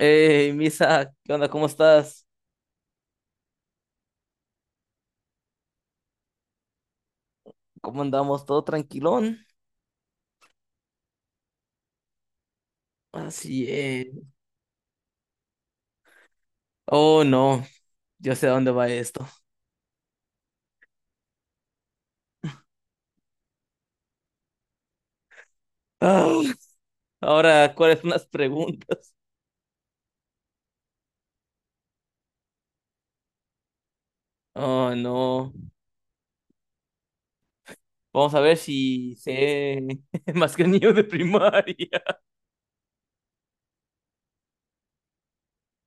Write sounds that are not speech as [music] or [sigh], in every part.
Hey, Misa, ¿qué onda? ¿Cómo estás? ¿Cómo andamos? ¿Todo tranquilón? Así es. Oh, no, yo sé a dónde va esto. Ah, ahora, ¿cuáles son las preguntas? Oh, no. Vamos a ver si sé [laughs] más que el niño de primaria.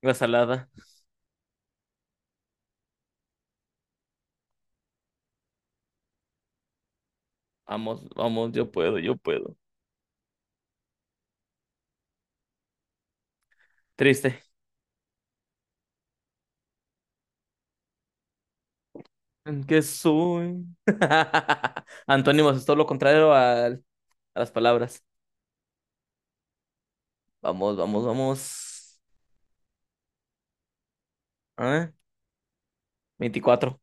La salada. Vamos, yo puedo. Triste. ¿En qué soy? [laughs] Antónimos es todo lo contrario a las palabras. Vamos. ¿Ah? 24.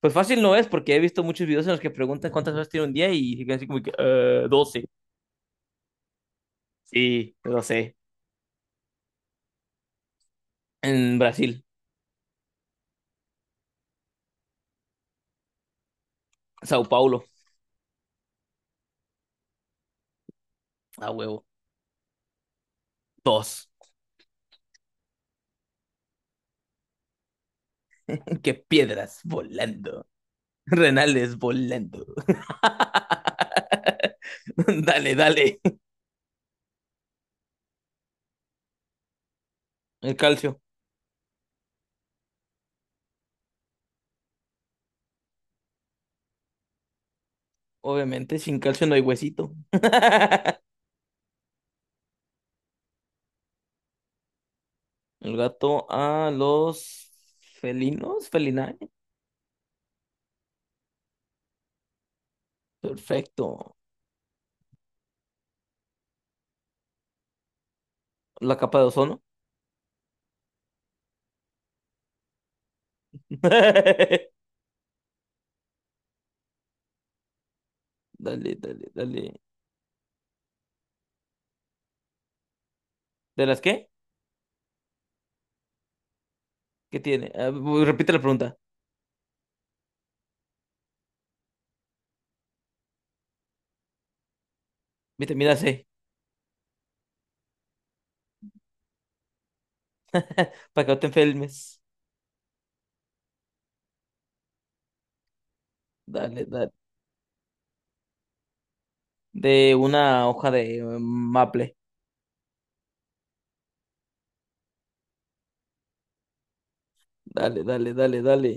Pues fácil no es, porque he visto muchos videos en los que preguntan cuántas horas tiene un día y dicen así como que, 12. Sí, lo sé. En Brasil, Sao Paulo, a huevo. Dos. Qué piedras volando. Renales volando. [laughs] Dale. El calcio. Obviamente, sin calcio no hay huesito. [laughs] El gato a los felinos, felinae. Perfecto. La capa de ozono. [laughs] Dale, dale. ¿De las qué? ¿Qué tiene? Ah, repite la pregunta. Vitamina C. [laughs] Para que no te enfermes. Dale. De una hoja de maple. Dale.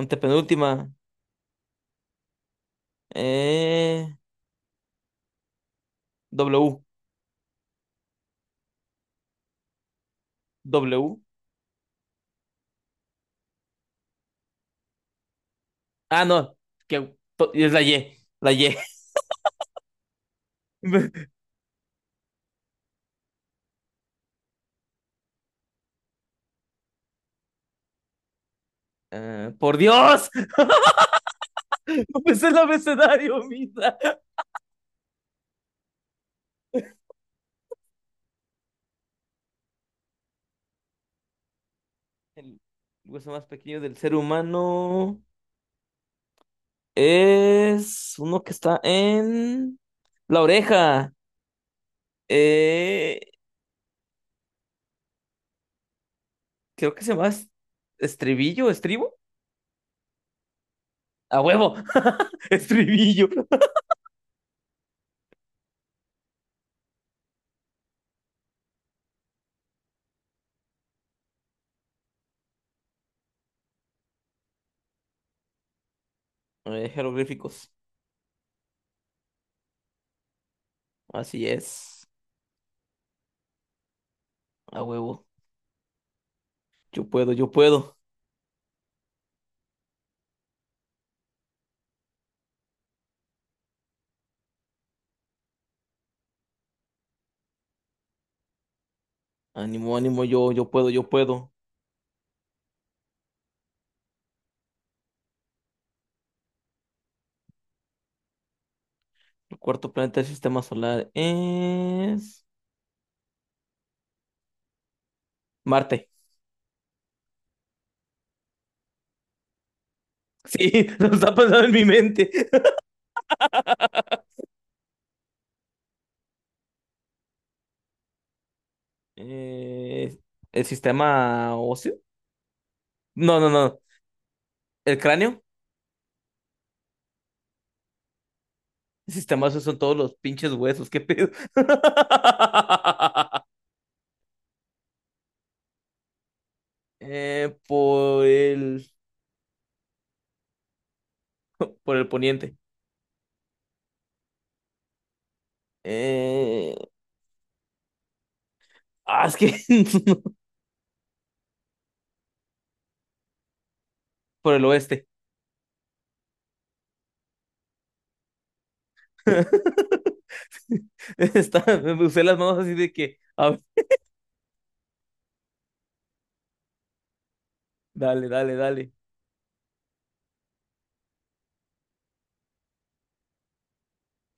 Antepenúltima. Eh, W. W. Ah, no. Es la Y. La Y. [laughs] Ah, por Dios. [laughs] No me el abecedario, mira. El hueso más pequeño del ser humano es uno que está en la oreja. Eh, Creo que se llama estribo. A huevo, [laughs] estribillo. Jeroglíficos, así es, a huevo. Yo puedo. Ánimo, yo puedo. El cuarto planeta del sistema solar es Marte. Sí, [laughs] lo está pasando en mi mente. Eh, el sistema óseo. No, no, no. El cráneo. El sistema óseo son todos los pinches huesos. ¿Qué pedo? [laughs] Por el [laughs] Por el poniente. Eh, ah, es que [laughs] Por el oeste. [laughs] Está, me usé las manos así de que, a ver, dale.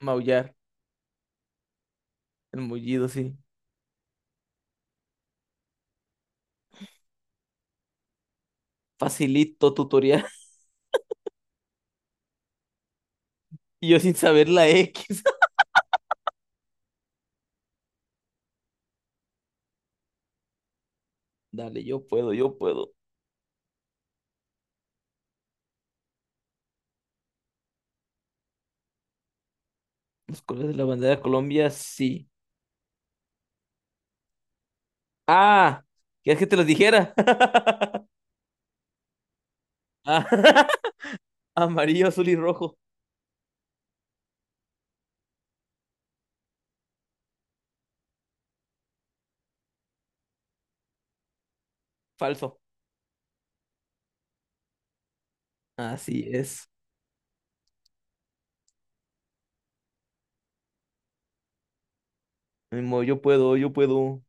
Maullar, el mullido, sí. Facilito tutorial. [laughs] Y yo sin saber la X. [laughs] Dale, yo puedo, yo puedo. Los colores de la bandera de Colombia, sí. Ah, ¿quieres que te los dijera? [laughs] Ah, [laughs] amarillo, azul y rojo. Falso. Así es. Ni modo, yo puedo, yo puedo.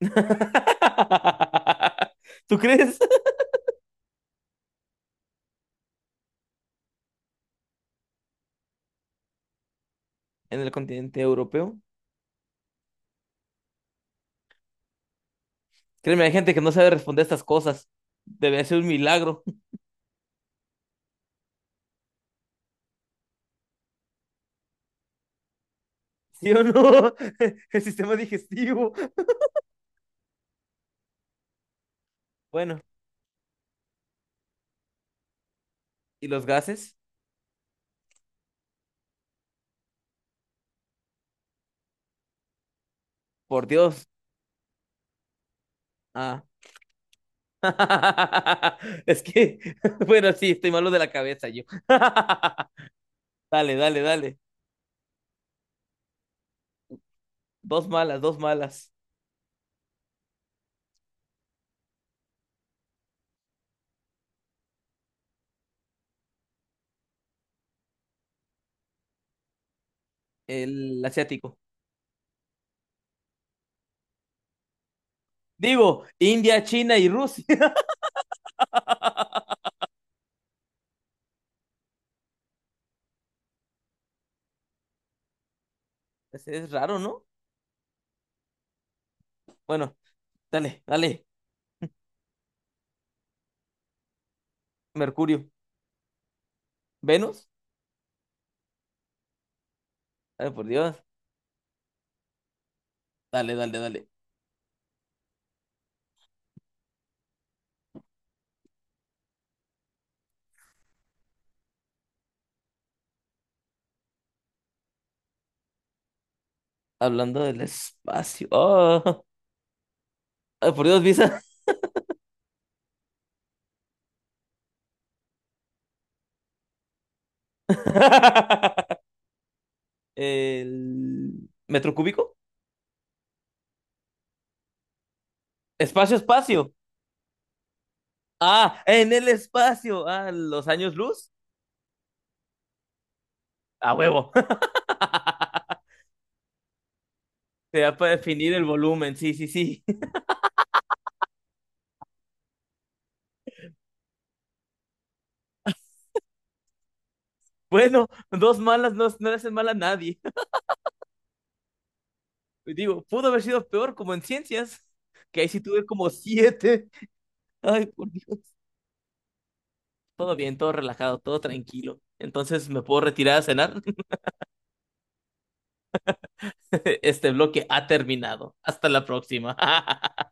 [laughs] ¿Tú crees? En el continente europeo. Créeme, hay gente que no sabe responder estas cosas. Debe ser un milagro. [laughs] ¿Sí o no? [laughs] El sistema digestivo. Bueno, ¿y los gases? Por Dios. Ah. [laughs] Es que, [laughs] bueno, sí, estoy malo de la cabeza yo. [laughs] Dale. Dos malas. El asiático. Digo, India, China y Rusia. [laughs] Es raro, ¿no? Bueno, dale. Mercurio. Venus. Ay, por Dios. Dale. Hablando del espacio. Oh, [laughs] ay, por Dios, Visa. [laughs] El metro cúbico. Espacio. Ah, en el espacio. Ah, los años luz. A huevo. [laughs] Te da para definir el volumen. Sí, sí, sí. [laughs] Bueno, dos malas no, no le hacen mal a nadie. [laughs] Digo, pudo haber sido peor como en ciencias, que ahí sí tuve como 7. Ay, por Dios. Todo bien, todo relajado, todo tranquilo. Entonces, ¿me puedo retirar a cenar? [laughs] Este bloque ha terminado. Hasta la próxima. [laughs]